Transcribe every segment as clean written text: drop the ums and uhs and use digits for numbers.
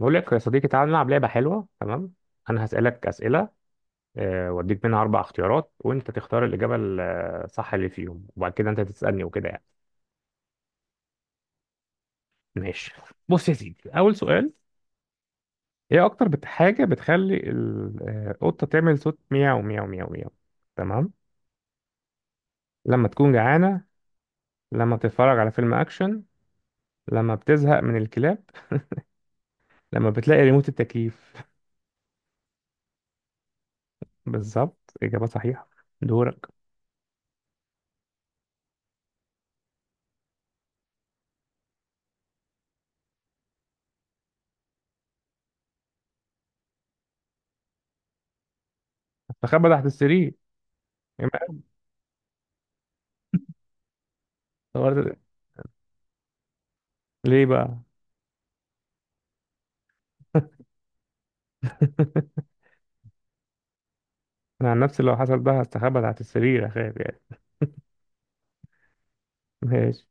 بقول لك يا صديقي، تعال نلعب لعبة حلوة. تمام، أنا هسألك أسئلة، وأديك منها أربع اختيارات وأنت تختار الإجابة الصح اللي فيهم، وبعد كده أنت تسألني وكده يعني. ماشي، بص يا سيدي، أول سؤال: إيه أكتر حاجة بتخلي القطة تعمل صوت مياو مياو مياو مياو؟ تمام. لما تكون جعانة، لما بتتفرج على فيلم أكشن، لما بتزهق من الكلاب، لما بتلاقي ريموت التكييف. بالظبط، إجابة صحيحة. دورك. تخبى تحت السرير. إيه بقى؟ صورت- ليه بقى؟ انا عن نفسي لو حصل ده هستخبى تحت السرير، اخاف يعني. ماشي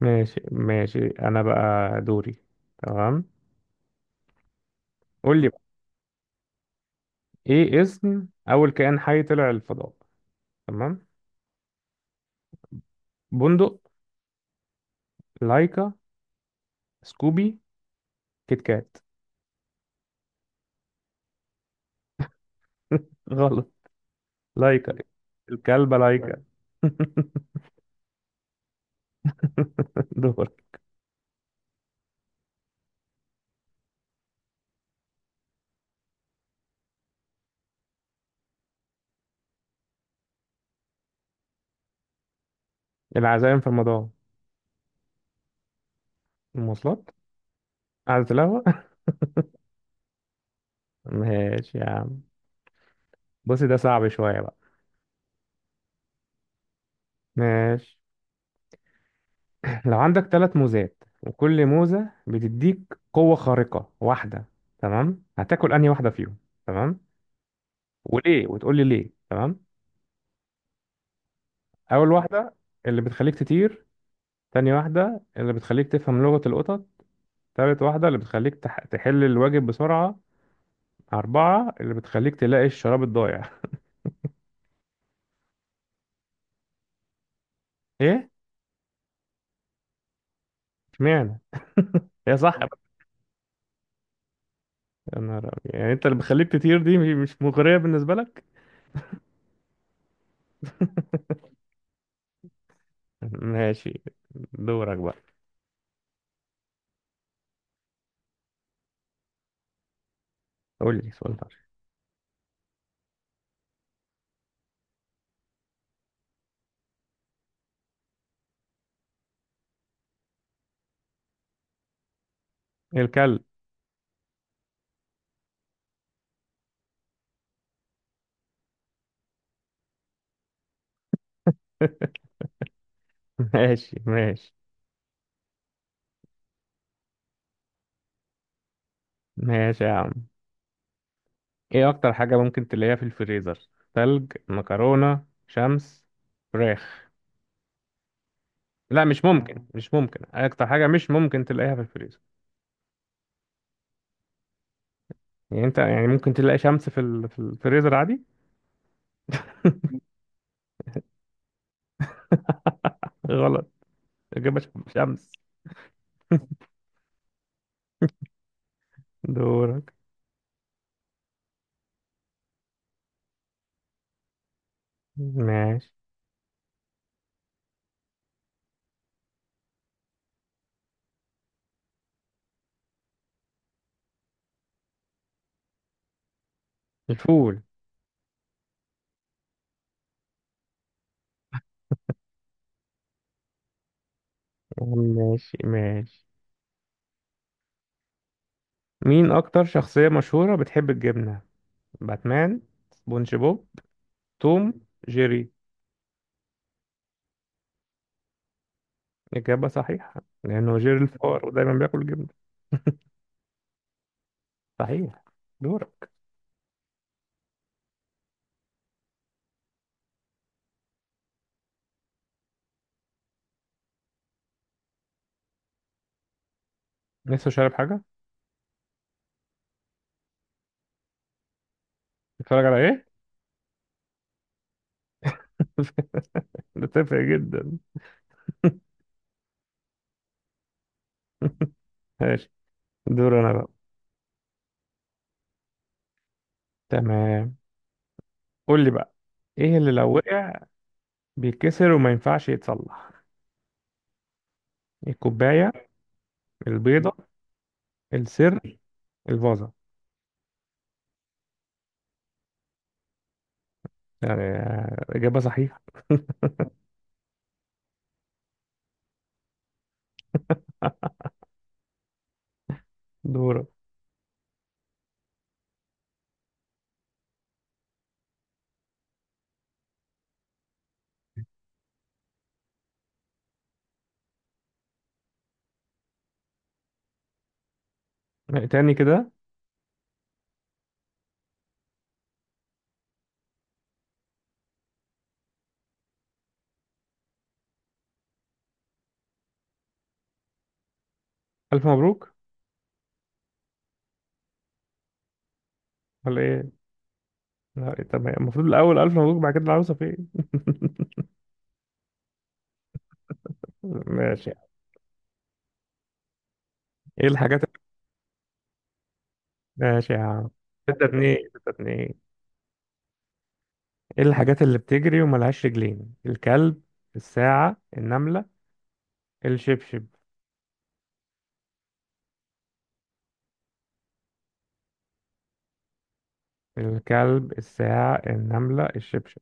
ماشي ماشي، انا بقى دوري. تمام، قول لي بقى: ايه اسم اول كائن حي طلع الفضاء؟ تمام. بندق، لايكا، سكوبي، كيت كات. غلط، لايكا. الكلبة لايكا. دور. العزائم في المدار. المواصلات. قعدة القهوة. ماشي يا عم. بصي، ده صعب شوية بقى. ماشي. لو عندك ثلاث موزات، وكل موزة بتديك قوة خارقة واحدة، تمام، هتاكل أنهي واحدة فيهم؟ تمام. وليه؟ وتقول لي ليه. تمام. أول واحدة اللي بتخليك تطير، تاني واحدة اللي بتخليك تفهم لغة القطط، تالت واحدة اللي بتخليك تحل الواجب بسرعة، أربعة اللي بتخليك تلاقي الشراب الضايع. إيه؟ اشمعنى؟ هي صح بقى. يا نهار أبيض. يعني أنت اللي بتخليك تطير دي مش مغرية بالنسبة لك؟ ماشي. دورك بقى. قول لي سؤال طيب. الكلب. ماشي ماشي. ماشي يا عم. ايه اكتر حاجة ممكن تلاقيها في الفريزر؟ تلج، مكرونة، شمس، فراخ. لا، مش ممكن، مش ممكن اكتر حاجة مش ممكن تلاقيها في الفريزر. يعني انت يعني ممكن تلاقي شمس في الفريزر عادي. غلط. اجابة ش- شمس. دورك. ماشي. الفول. ماشي ماشي. مين اكتر شخصية مشهورة بتحب الجبنة؟ باتمان، سبونج بوب، توم، جيري. إجابة صحيحة، لأنه جيري الفار ودايما بياكل جبنة. صحيح. دورك. لسه شارب حاجة؟ بتتفرج على ايه؟ بتفرق جدا. ماشي. دور انا بقى. تمام، قول لي بقى: ايه اللي لو وقع بيتكسر وما ينفعش يتصلح؟ الكوباية، البيضة، السر، الفازة. يعني إجابة صحيحة. دورك. تاني كده. ألف مبروك. ولا ايه؟ لا، تمام، المفروض الأول ألف مبروك، بعد كده العروسة فين؟ ماشي. ايه الحاجات اللي-. ماشي يا عم. ستة اتنين، ستة اتنين. ايه الحاجات اللي بتجري وملهاش رجلين؟ الكلب، الساعة، النملة، الشبشب. الكلب، الساعة، النملة، الشبشب.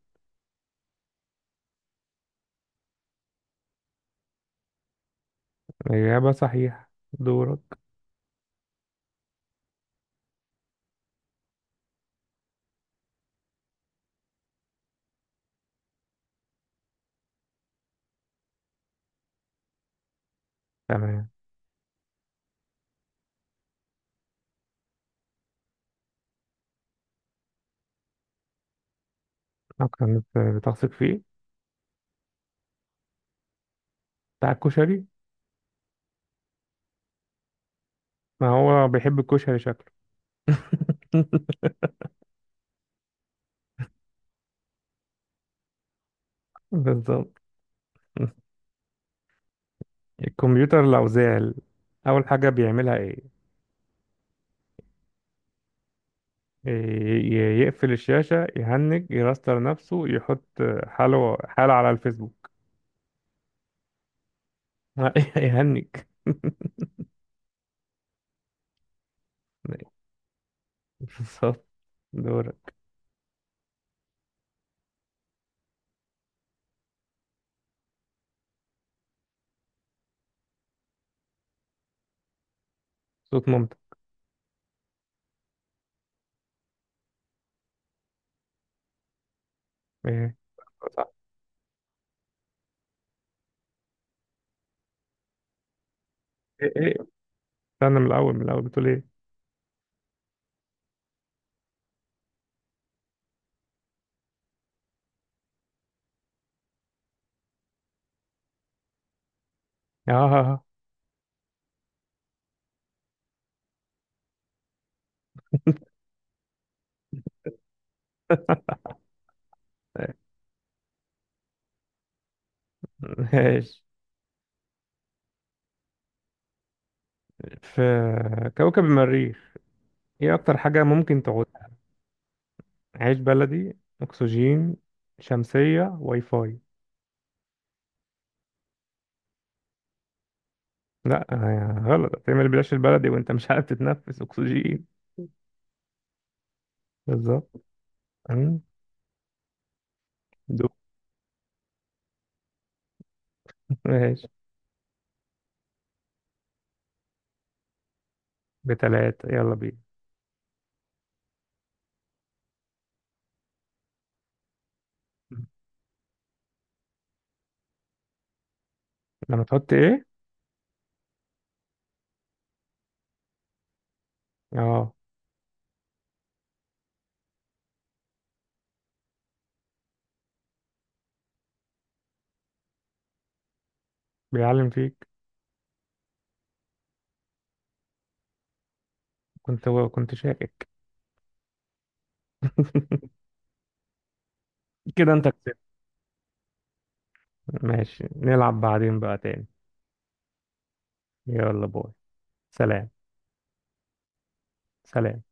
الإجابة صحيحة. دورك. تمام. أكتر ناس بتثق فيه؟ بتاع الكشري. ما هو بيحب الكشري شكله. بالظبط. الكمبيوتر لو زعل، أول حاجة بيعملها إيه؟ ي- يقفل الشاشة، يهنج، يراستر نفسه، يحط حاله على الفيسبوك. يهنج. بالظبط. دورك. صوت مامتك. ايه؟ صح. ايه ايه، استنى، من الاول بتقول ايه؟ اه، ها ها. ماشي. في كوكب المريخ، ايه اكتر حاجة ممكن تعودها؟ عيش بلدي، اكسجين، شمسية، واي فاي. لا، غلط، هتعمل بلاش البلدي وانت مش عارف تتنفس اكسجين. بالظبط. أمم، دو. ماشي. بتلاتة، يلا بينا. لما تحط ايه؟ اه. بيعلم فيك. كنت شاكك. كده انت كسبت. ماشي، نلعب بعدين بقى تاني. يلا، باي. سلام. سلام.